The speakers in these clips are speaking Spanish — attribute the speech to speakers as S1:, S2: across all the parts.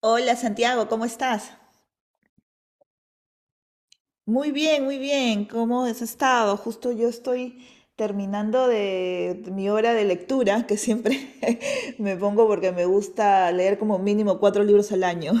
S1: Hola Santiago, ¿cómo estás? Muy bien, muy bien. ¿Cómo has estado? Justo yo estoy terminando de mi hora de lectura, que siempre me pongo porque me gusta leer como mínimo cuatro libros al año.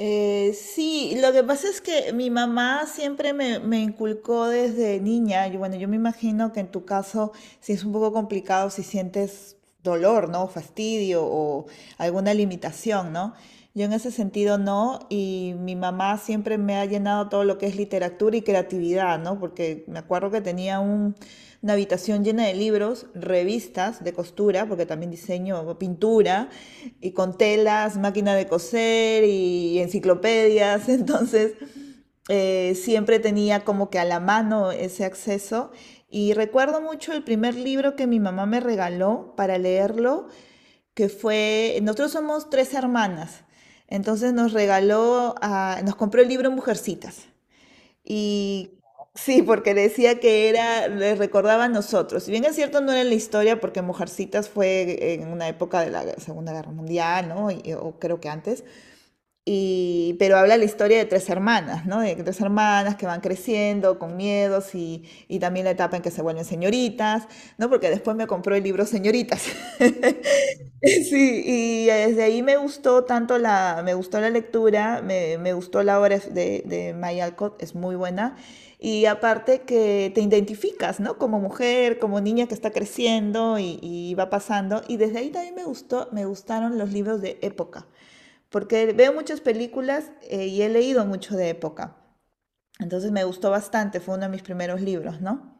S1: Sí, lo que pasa es que mi mamá siempre me inculcó desde niña, y bueno, yo me imagino que en tu caso sí es un poco complicado si sientes dolor, ¿no? Fastidio o alguna limitación, ¿no? Yo en ese sentido no, y mi mamá siempre me ha llenado todo lo que es literatura y creatividad, ¿no? Porque me acuerdo que tenía una habitación llena de libros, revistas de costura, porque también diseño pintura, y con telas, máquina de coser y enciclopedias. Entonces, siempre tenía como que a la mano ese acceso. Y recuerdo mucho el primer libro que mi mamá me regaló para leerlo que fue, nosotros somos tres hermanas, entonces nos regaló, nos compró el libro Mujercitas. Y sí, porque decía que era, le recordaba a nosotros. Si bien es cierto, no era la historia, porque Mujercitas fue en una época de la Segunda Guerra Mundial, ¿no? O creo que antes. Pero habla la historia de tres hermanas, ¿no? De tres hermanas que van creciendo con miedos y también la etapa en que se vuelven señoritas, ¿no? Porque después me compró el libro Señoritas. Sí, y desde ahí me gustó tanto me gustó la lectura, me gustó la obra de May Alcott, es muy buena. Y aparte que te identificas, ¿no? Como mujer, como niña que está creciendo y va pasando. Y desde ahí también me gustó, me gustaron los libros de época, porque veo muchas películas y he leído mucho de época. Entonces me gustó bastante, fue uno de mis primeros libros, ¿no?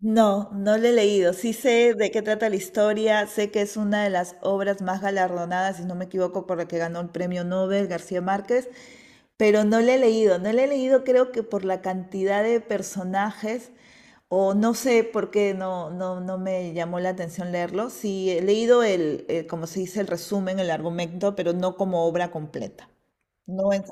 S1: No, no le he leído. Sí sé de qué trata la historia, sé que es una de las obras más galardonadas, si no me equivoco, por la que ganó el premio Nobel García Márquez, pero no le he leído. No le he leído creo que por la cantidad de personajes o no sé por qué no, no, no me llamó la atención leerlo. Sí he leído como se dice, el resumen, el argumento, pero no como obra completa. No en...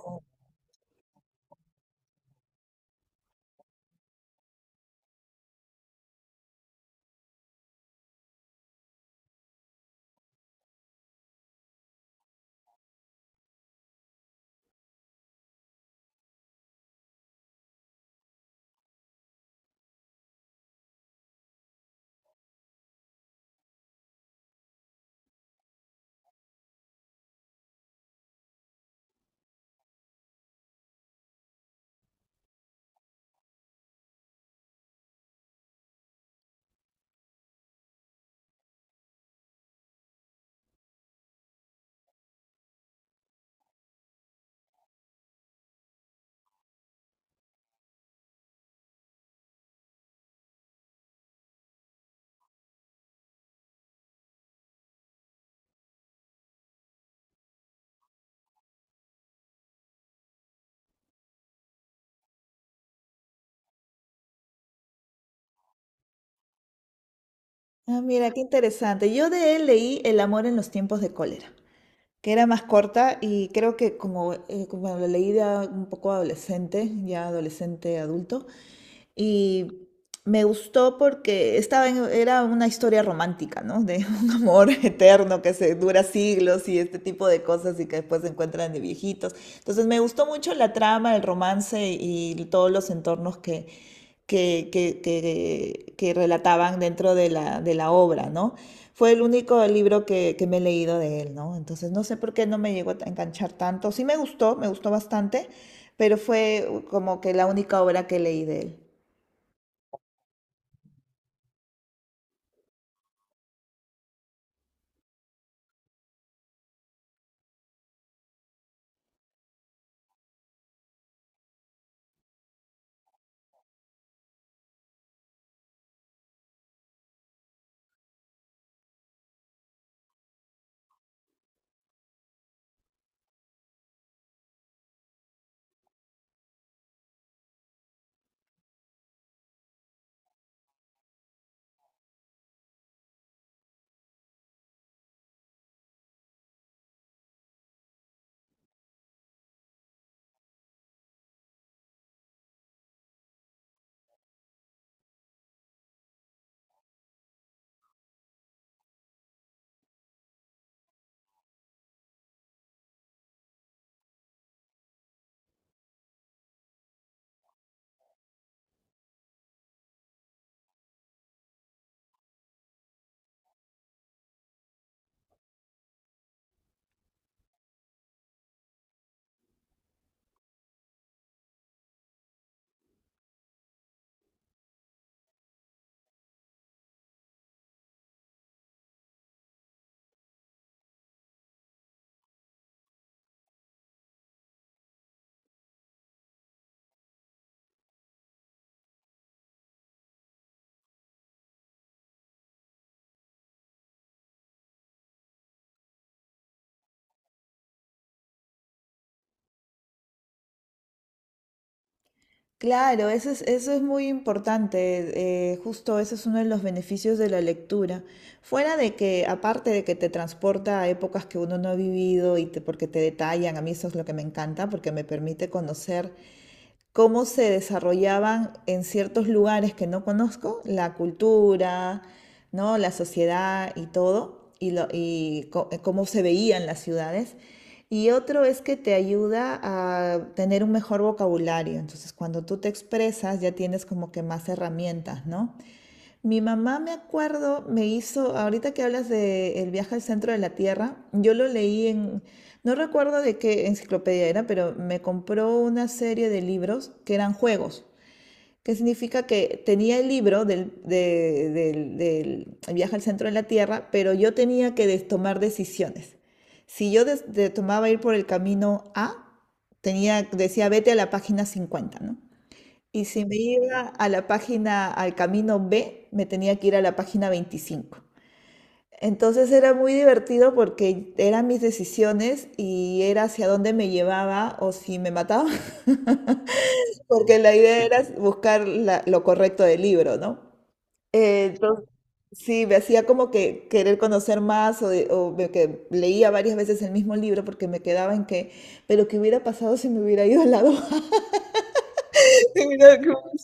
S1: Ah, mira, qué interesante. Yo de él leí El amor en los tiempos de cólera, que era más corta y creo que como la leí un poco adolescente, ya adolescente adulto, y me gustó porque estaba era una historia romántica, ¿no? De un amor eterno que se dura siglos y este tipo de cosas y que después se encuentran de viejitos. Entonces me gustó mucho la trama, el romance y todos los entornos que relataban dentro de la obra, ¿no? Fue el único libro que me he leído de él, ¿no? Entonces no sé por qué no me llegó a enganchar tanto. Sí me gustó bastante, pero fue como que la única obra que leí de él. Claro, eso es muy importante, justo ese es uno de los beneficios de la lectura. Fuera de que, aparte de que te transporta a épocas que uno no ha vivido y porque te detallan, a mí eso es lo que me encanta, porque me permite conocer cómo se desarrollaban en ciertos lugares que no conozco, la cultura, ¿no? La sociedad y todo, cómo se veían las ciudades. Y otro es que te ayuda a tener un mejor vocabulario. Entonces, cuando tú te expresas, ya tienes como que más herramientas, ¿no? Mi mamá, me acuerdo, me hizo, ahorita que hablas de El viaje al centro de la Tierra, yo lo leí en, no recuerdo de qué enciclopedia era, pero me compró una serie de libros que eran juegos, que significa que tenía el libro del viaje al centro de la Tierra, pero yo tenía que tomar decisiones. Si yo tomaba ir por el camino A, tenía, decía, vete a la página 50, ¿no? Y si me iba a la página, al camino B, me tenía que ir a la página 25. Entonces era muy divertido porque eran mis decisiones y era hacia dónde me llevaba o si me mataba, porque la idea era buscar lo correcto del libro, ¿no? Entonces, sí, me hacía como que querer conocer más o, o me que leía varias veces el mismo libro porque me quedaba en que, pero ¿qué hubiera pasado si me hubiera ido al lado A?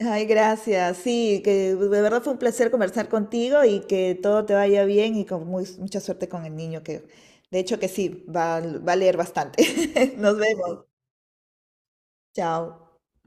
S1: Ay, gracias. Sí, que de verdad fue un placer conversar contigo y que todo te vaya bien y con mucha suerte con el niño, que de hecho que sí, va a leer bastante. Nos vemos. Chao.